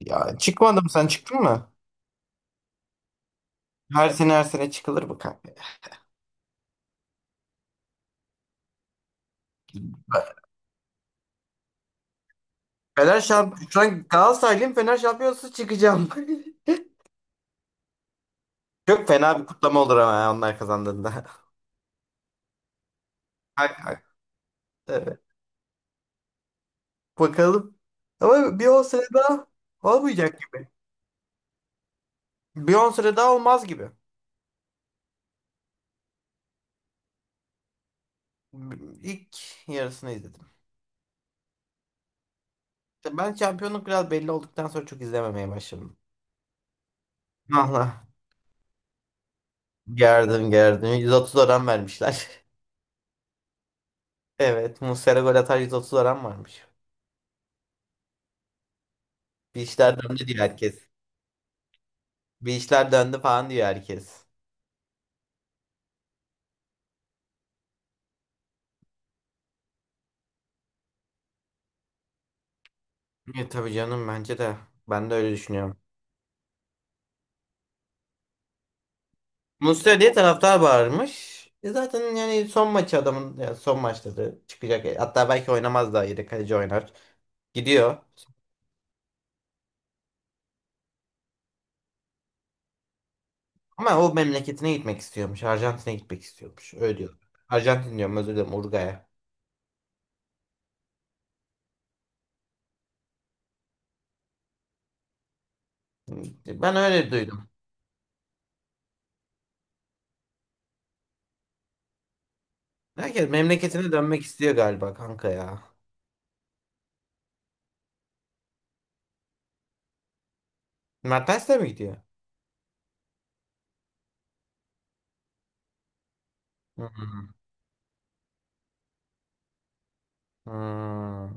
Ya çıkmadım sen çıktın mı? Her sene her sene çıkılır bu kanka. Bak, Fener şamp şu an Galatasaraylıyım, Fener şampiyonası çıkacağım. Çok fena bir kutlama olur ama ya onlar kazandığında. Ay, ay, evet. Bakalım. Ama bir on sene daha olmayacak gibi. Bir on sene daha olmaz gibi. İlk yarısını izledim. İşte ben şampiyonluk biraz belli olduktan sonra çok izlememeye başladım. Allah. Gerdim gerdim. 130 oran vermişler. Evet. Muslera gol atar 130 oran varmış. Bir işler döndü diye herkes. Bir işler döndü falan diyor herkes. E tabii canım bence de. Ben de öyle düşünüyorum. Muslera diye taraftar bağırmış. E zaten yani son maçı adamın ya son maçta da çıkacak. Hatta belki oynamaz, daha yedek kaleci oynar. Gidiyor. Ama o memleketine gitmek istiyormuş. Arjantin'e gitmek istiyormuş. Öyle diyor. Arjantin diyorum, özür dilerim, Uruguay'a. Ben öyle duydum. Herkes memleketine dönmek istiyor galiba kanka ya. Mertens de mi gidiyor? Hmm. Hmm.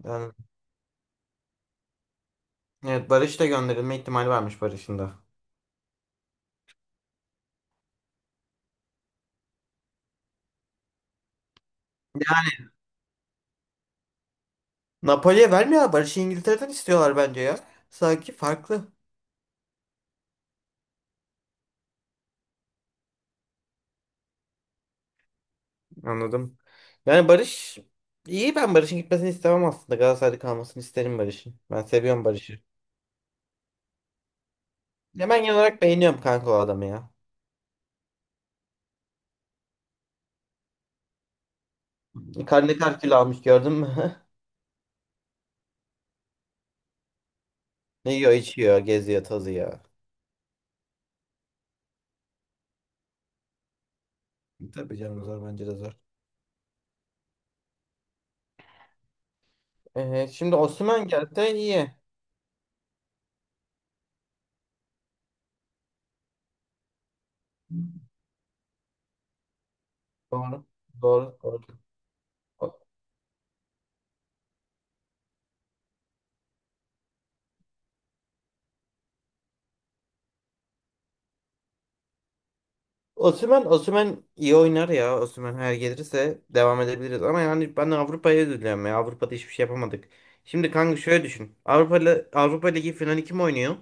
Ben- evet, Barış da gönderilme ihtimali varmış, Barış'ın da. Yani Napoli'ye vermiyor ya. Barış'ı İngiltere'den istiyorlar bence ya. Sanki farklı. Anladım. Yani Barış iyi, ben Barış'ın gitmesini istemem aslında. Galatasaray'da kalmasını isterim Barış'ın. Ben seviyorum Barış'ı. Ya ben genel olarak beğeniyorum kanka o adamı ya. Karne kar kilo almış, gördün mü? Ne yiyor, içiyor, geziyor, tozuyor. Tabii canım, zor bence de zor. Şimdi Osimhen gelse iyi. Doğru. Doğru. Doğru. Osimhen, Osimhen iyi oynar ya. Osimhen her gelirse devam edebiliriz. Ama yani ben Avrupa'ya üzülüyorum ya. Avrupa'da hiçbir şey yapamadık. Şimdi kanka şöyle düşün. Avrupa Ligi finali kim oynuyor?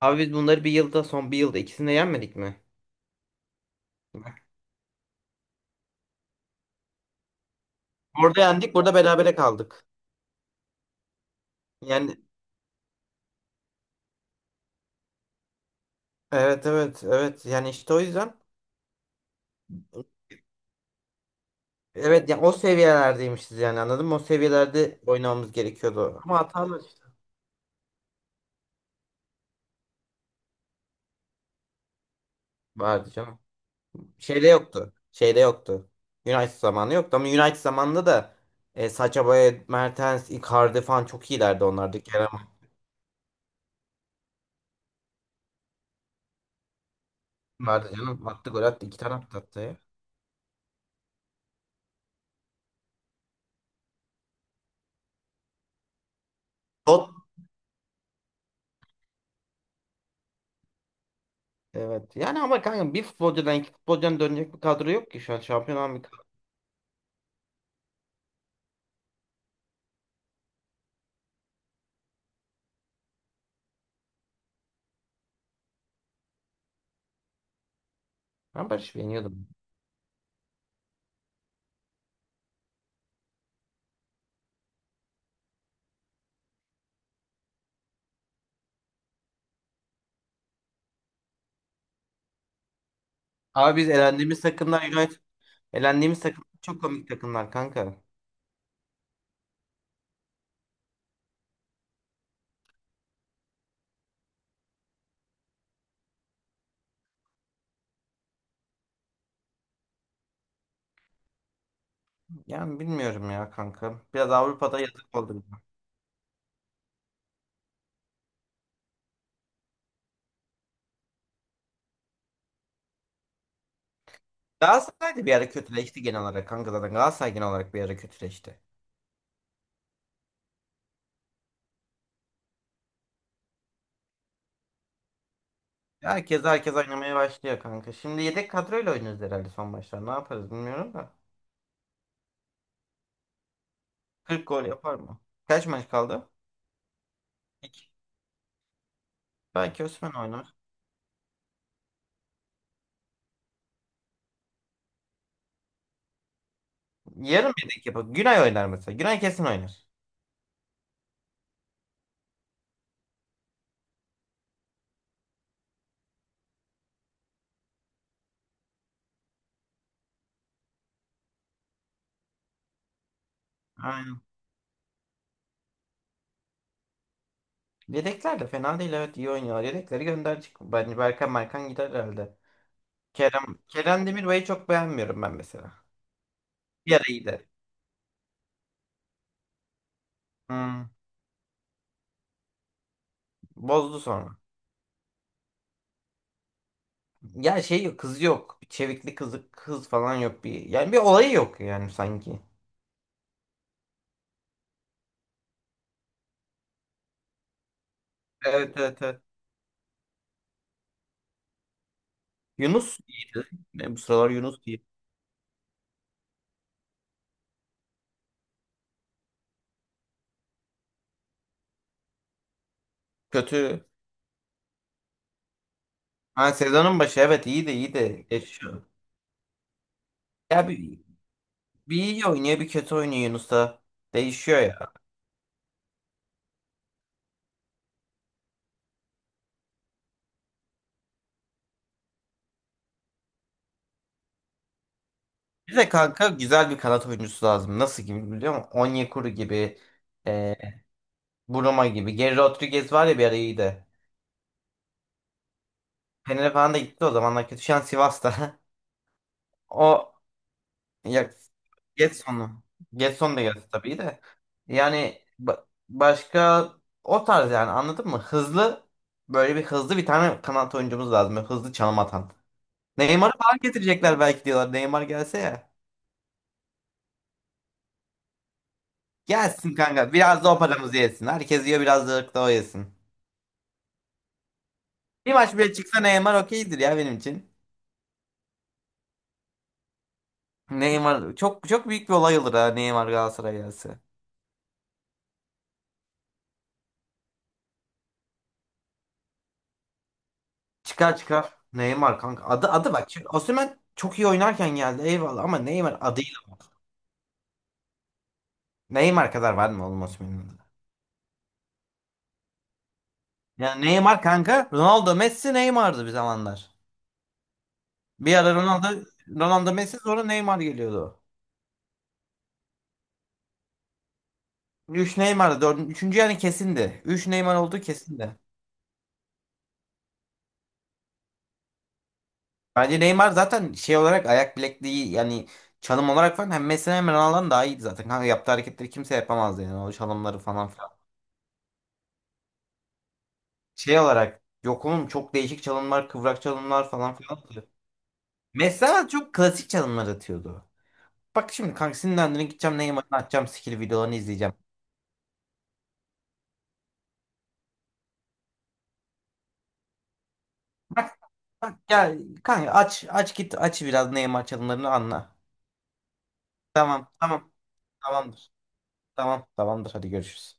Abi biz bunları bir yılda son bir yılda ikisini de yenmedik mi? Bak, orada yendik, burada berabere kaldık. Yani evet, evet, evet. Yani işte o yüzden evet, yani o seviyelerdeymişiz, yani anladın mı? O seviyelerde oynamamız gerekiyordu. Ama hatamız işte vardı canım. Şeyde yoktu. Şeyde yoktu. United zamanı yoktu ama United zamanında da Sacha Boey, Mertens, Icardi falan çok iyilerdi onlarda. Kerem Aktürk vardı canım. Attı, gol attı. İki tane attı hatta ya. Tot. Evet. Yani ama kanka bir futbolcudan, iki futbolcudan dönecek bir kadro yok ki şu an. Şampiyon olan bir kadro. Ben Barış beğeniyordum. Abi biz elendiğimiz takımlar United. Elendiğimiz takım çok komik takımlar kanka. Yani bilmiyorum ya kanka. Biraz Avrupa'da yazık oldu bize. Galatasaray da bir ara kötüleşti genel olarak kanka zaten. Galatasaray genel olarak bir ara kötüleşti. Herkes oynamaya başlıyor kanka. Şimdi yedek kadroyla oynuyoruz herhalde son maçlar. Ne yaparız bilmiyorum da. 40 gol yapar mı? Kaç maç kaldı? İki. Belki Osman oynar. Yarım yedek yapar. Günay oynar mesela. Günay kesin oynar. Aynen. Yedekler de fena değil, evet, iyi oynuyorlar. Yedekleri gönderecek. Bence Berkan gider herhalde. Kerem Demirbay'ı çok beğenmiyorum ben mesela. Bir ara iyiydi. Hmm, bozdu sonra. Ya şey yok, kız yok. Bir çevikli kızı, kız falan yok bir. Yani bir olayı yok yani sanki. Evet, evet, evet. Yunus iyiydi. Ne, bu sıralar Yunus iyi. Kötü. Ha, sezonun başı evet, iyiydi iyiydi. Geçiyor. Ya bir iyi oynuyor bir kötü oynuyor Yunus da değişiyor ya. Bir de kanka güzel bir kanat oyuncusu lazım. Nasıl gibi biliyor musun? Onyekuru gibi. E, Buruma gibi. Geri Rodriguez var ya, bir ara iyiydi. Fener'e falan da gitti o zamanlar, kötü. Şu an Sivas'ta. O Ya, Getson'u. Getson da geldi tabii de. Yani başka, o tarz yani anladın mı? Böyle bir hızlı bir tane kanat oyuncumuz lazım. Böyle hızlı çalım atan. Neymar'ı falan getirecekler belki diyorlar. Neymar gelse ya. Gelsin kanka. Biraz da o paramızı yesin. Herkes yiyor, biraz da o yesin. Bir maç bile çıksa Neymar okeydir ya benim için. Neymar çok çok büyük bir olay olur, ha Neymar Galatasaray'a gelse. Çıkar çıkar. Neymar kanka. Adı, adı bak. Şimdi Osimhen çok iyi oynarken geldi, eyvallah, ama Neymar adıyla. Neymar kadar var mı oğlum Osimhen'in adı? Yani Neymar kanka. Ronaldo, Messi, Neymar'dı bir zamanlar. Bir ara Ronaldo Messi, sonra Neymar geliyordu. Üç Neymar'dı. Üçüncü yani kesindi. Üç Neymar olduğu kesindi. Bence Neymar zaten şey olarak, ayak bilekliği yani, çalım olarak falan hem Messi hem Ronaldo'dan daha iyiydi zaten. Kanka yaptığı hareketleri kimse yapamazdı yani, o çalımları falan. Şey olarak yok oğlum, çok değişik çalımlar, kıvrak çalımlar falan filan atıyor. Mesela çok klasik çalımlar atıyordu. Bak şimdi kanka, sinirlendiğine gideceğim Neymar'ın, atacağım skill videolarını izleyeceğim. Bak bak, gel kanka, aç aç git, aç biraz Neymar çalımlarını anla. Tamam tamam tamamdır. Tamam tamamdır, hadi görüşürüz.